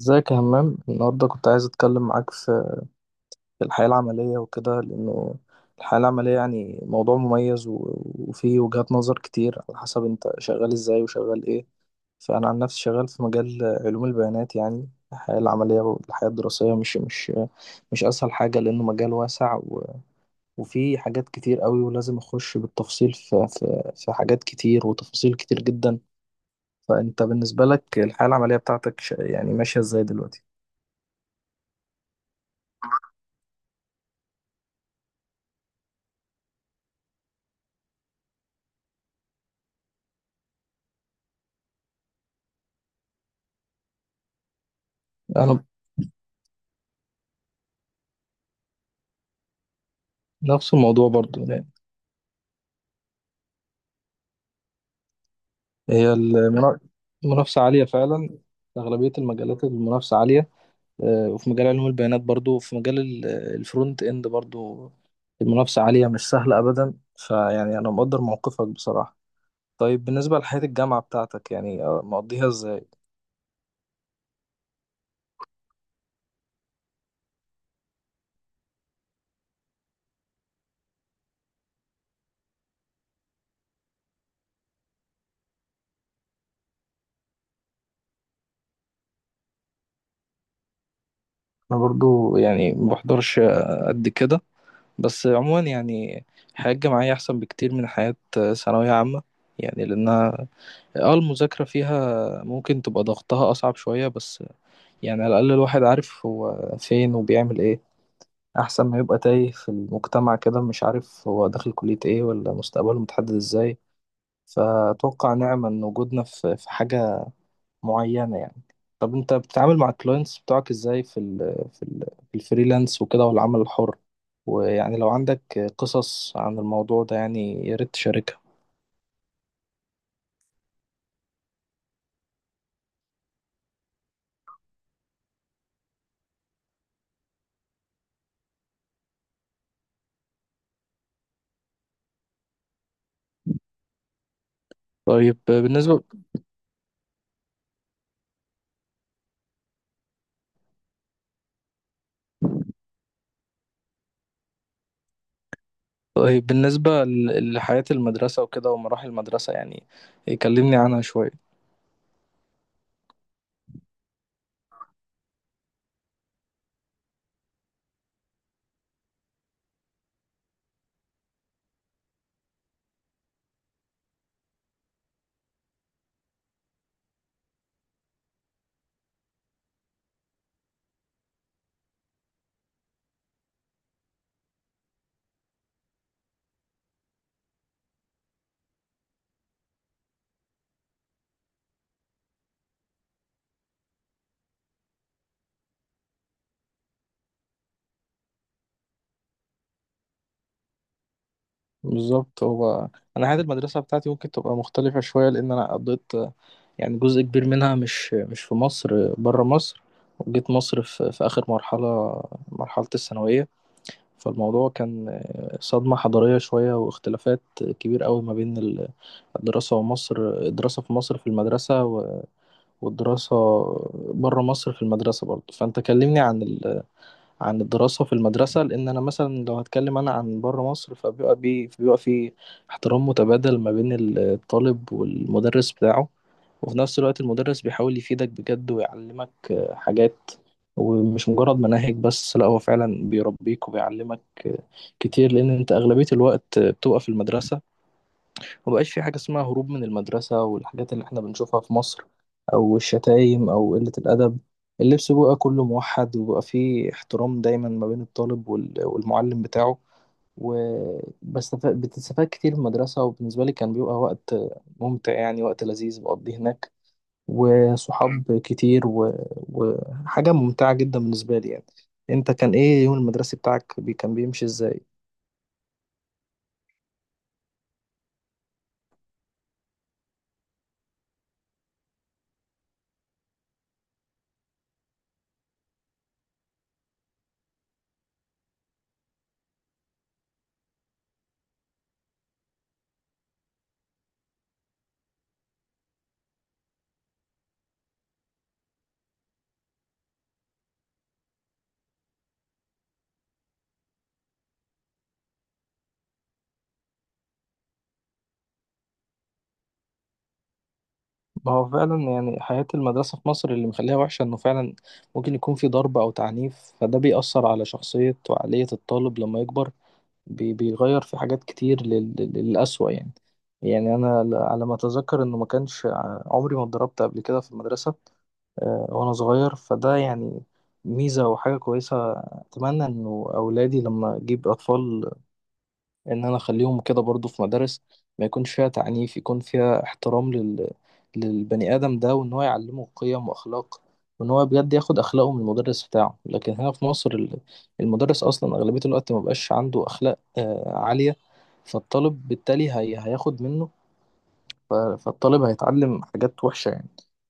ازيك يا همام؟ النهارده كنت عايز اتكلم معاك في الحياة العملية وكده، لانه الحياة العملية يعني موضوع مميز وفيه وجهات نظر كتير على حسب انت شغال ازاي وشغال ايه. فانا عن نفسي شغال في مجال علوم البيانات، يعني الحياة العملية والحياة الدراسية مش اسهل حاجة، لانه مجال واسع وفيه حاجات كتير قوي، ولازم اخش بالتفصيل في حاجات كتير وتفاصيل كتير جدا. فانت بالنسبة لك الحياة العملية بتاعتك يعني ماشية ازاي دلوقتي؟ انا نفس الموضوع برضو يعني. هي المنا- المنافسة عالية فعلا، في أغلبية المجالات المنافسة عالية. وفي مجال علوم البيانات برضو، وفي مجال الفرونت إند برضو، المنافسة عالية مش سهلة أبدا، فيعني أنا مقدر موقفك بصراحة. طيب بالنسبة لحياة الجامعة بتاعتك، يعني مقضيها إزاي؟ أنا برضو يعني ما بحضرش قد كده، بس عموما يعني الحياة الجامعية أحسن بكتير من حياة ثانوية عامة، يعني لأنها اه المذاكرة فيها ممكن تبقى ضغطها أصعب شوية، بس يعني على الأقل الواحد عارف هو فين وبيعمل إيه، أحسن ما يبقى تايه في المجتمع كده مش عارف هو داخل كلية إيه ولا مستقبله متحدد إزاي. فأتوقع نعمة إن وجودنا في حاجة معينة يعني. طب أنت بتتعامل مع الكلاينتس بتوعك إزاي في ال في الفريلانس وكده والعمل الحر، ويعني لو عندك قصص عن الموضوع ده يعني يا ريت تشاركها. طيب بالنسبة طيب بالنسبة لحياة المدرسة وكده ومراحل المدرسة، يعني يكلمني عنها شوية. بالظبط. هو أنا حياة المدرسة بتاعتي ممكن تبقى مختلفة شوية، لأن أنا قضيت يعني جزء كبير منها مش في مصر، برا مصر، وجيت مصر في آخر مرحلة، مرحلة الثانوية. فالموضوع كان صدمة حضارية شوية واختلافات كبير قوي ما بين الدراسة، ومصر الدراسة في مصر في المدرسة، والدراسة برا مصر في المدرسة برضه. فأنت كلمني عن الدراسة في المدرسة، لأن أنا مثلا لو هتكلم أنا عن بره مصر فبيبقى بي بيبقى في احترام متبادل ما بين الطالب والمدرس بتاعه، وفي نفس الوقت المدرس بيحاول يفيدك بجد ويعلمك حاجات، ومش مجرد مناهج بس، لا هو فعلا بيربيك وبيعلمك آه، كتير، لأن أنت أغلبية الوقت بتبقى في المدرسة. مبقاش في حاجة اسمها هروب من المدرسة والحاجات اللي احنا بنشوفها في مصر، أو الشتايم أو قلة الأدب. اللبس بقى كله موحد، وبقى فيه احترام دايما ما بين الطالب والمعلم بتاعه. بتستفاد كتير من المدرسة، وبالنسبة لي كان بيبقى وقت ممتع يعني، وقت لذيذ بقضيه هناك، وصحاب كتير وحاجة ممتعة جدا بالنسبة لي يعني. انت كان ايه يوم المدرسي بتاعك كان بيمشي ازاي؟ ما هو فعلا يعني حياة المدرسة في مصر اللي مخليها وحشة إنه فعلا ممكن يكون في ضرب أو تعنيف، فده بيأثر على شخصية وعقلية الطالب لما يكبر، بيغير في حاجات كتير للأسوأ يعني. يعني أنا على ما أتذكر إنه ما كانش عمري ما اتضربت قبل كده في المدرسة وأنا صغير، فده يعني ميزة وحاجة كويسة. أتمنى إنه أولادي لما أجيب أطفال ان انا اخليهم كده برضو في مدارس ما يكونش فيها تعنيف، يكون فيها احترام للبني ادم ده، وان هو يعلمه قيم واخلاق، وان هو بجد ياخد اخلاقه من المدرس بتاعه. لكن هنا في مصر المدرس اصلا اغلبية الوقت ما بقاش عنده اخلاق عالية، فالطالب بالتالي هياخد منه، فالطالب هيتعلم حاجات وحشة يعني.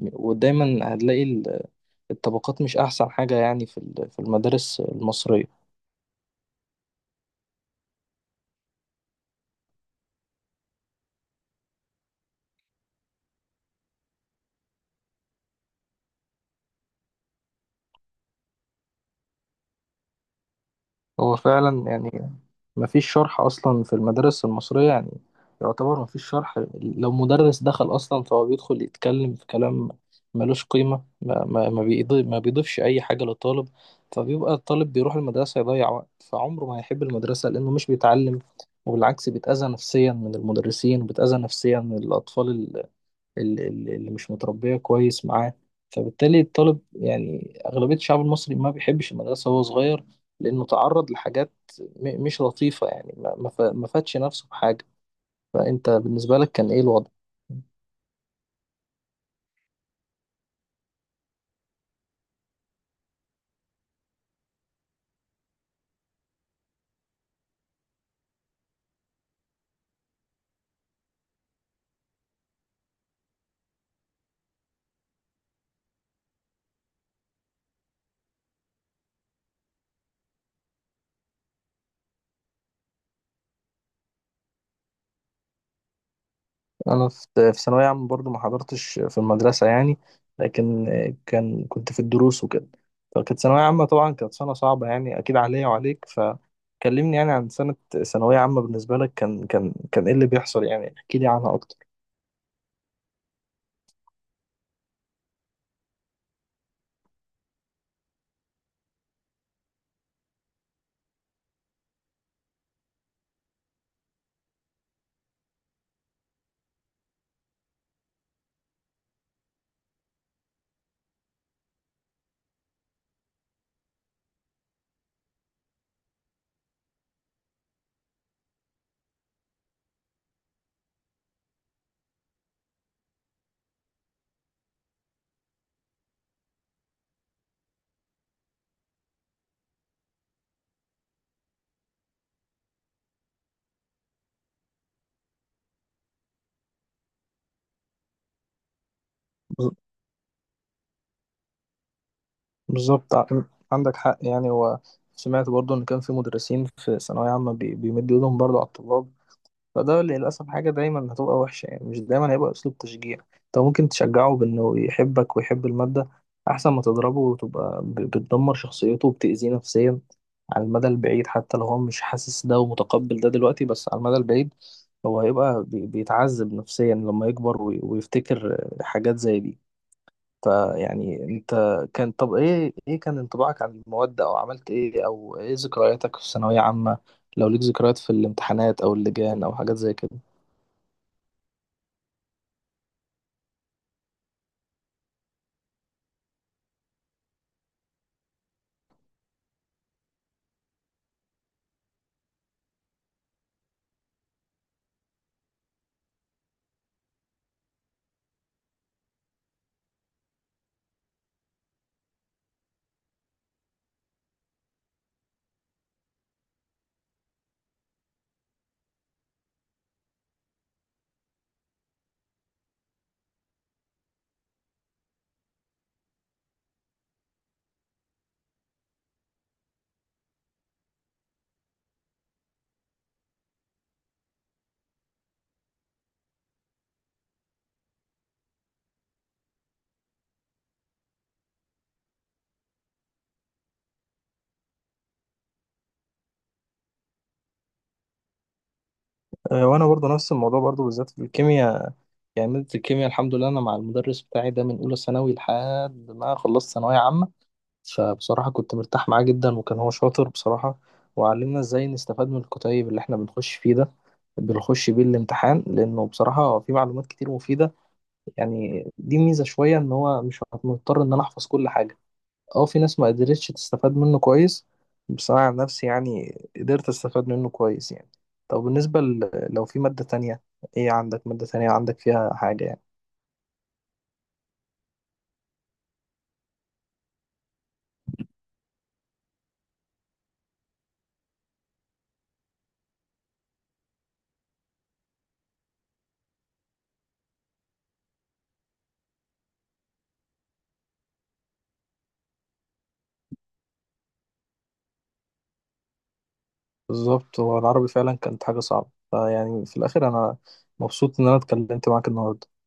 ودايما هتلاقي الطبقات مش احسن حاجة يعني في المدارس المصرية. هو فعلا يعني مفيش شرح أصلا في المدارس المصرية يعني. يعتبر مفيش شرح، لو مدرس دخل أصلا فهو بيدخل يتكلم في كلام ملوش قيمة، ما بيضيفش أي حاجة للطالب. فبيبقى الطالب بيروح المدرسة يضيع وقت، فعمره ما هيحب المدرسة لأنه مش بيتعلم، وبالعكس بيتأذى نفسيا من المدرسين، وبيتأذى نفسيا من الأطفال اللي مش متربية كويس معاه. فبالتالي الطالب، يعني أغلبية الشعب المصري، ما بيحبش المدرسة وهو صغير، لأنه تعرض لحاجات مش لطيفة يعني، ما فادش نفسه بحاجة. فأنت بالنسبة لك كان إيه الوضع؟ أنا في ثانوية عامة برضو ما حضرتش في المدرسة يعني، لكن كنت في الدروس وكده. فكانت ثانوية عامة طبعا، كانت سنة صعبة يعني أكيد عليا وعليك، فكلمني يعني عن سنة ثانوية عامة بالنسبة لك. كان إيه اللي بيحصل يعني؟ احكي لي عنها أكتر. بالظبط. عندك حق يعني. هو سمعت برضو ان كان في مدرسين في ثانوية عامة بيمدوا ايدهم برضو على الطلاب، فده للأسف حاجة دايما هتبقى وحشة يعني. مش دايما هيبقى أسلوب تشجيع، انت ممكن تشجعه بأنه يحبك ويحب المادة، أحسن ما تضربه وتبقى بتدمر شخصيته وبتأذيه نفسيا على المدى البعيد. حتى لو هو مش حاسس ده ومتقبل ده دلوقتي، بس على المدى البعيد هو هيبقى بيتعذب نفسيا لما يكبر ويفتكر حاجات زي دي. فيعني انت طب ايه كان انطباعك عن المواد، او عملت ايه، او ايه ذكرياتك في ثانوية عامة؟ لو ليك ذكريات في الامتحانات او اللجان او حاجات زي كده. اه، وانا برضو نفس الموضوع برضو، بالذات في الكيمياء. يعني مادة الكيمياء، الحمد لله، انا مع المدرس بتاعي ده من اولى ثانوي لحد ما خلصت ثانوية عامة. فبصراحة كنت مرتاح معاه جدا، وكان هو شاطر بصراحة، وعلمنا ازاي نستفاد من الكتيب اللي احنا بنخش فيه ده، بنخش بيه الامتحان، لانه بصراحة في معلومات كتير مفيدة يعني. دي ميزة شوية إن هو مش مضطر إن أنا أحفظ كل حاجة. أه، في ناس ما قدرتش تستفاد منه كويس، بس أنا عن نفسي يعني قدرت أستفاد منه كويس يعني. طب بالنسبة لو في مادة تانية، إيه عندك مادة تانية عندك فيها حاجة يعني؟ بالظبط. هو العربي فعلا كانت حاجة صعبة. فيعني في الآخر، أنا مبسوط إن أنا اتكلمت معاك النهاردة.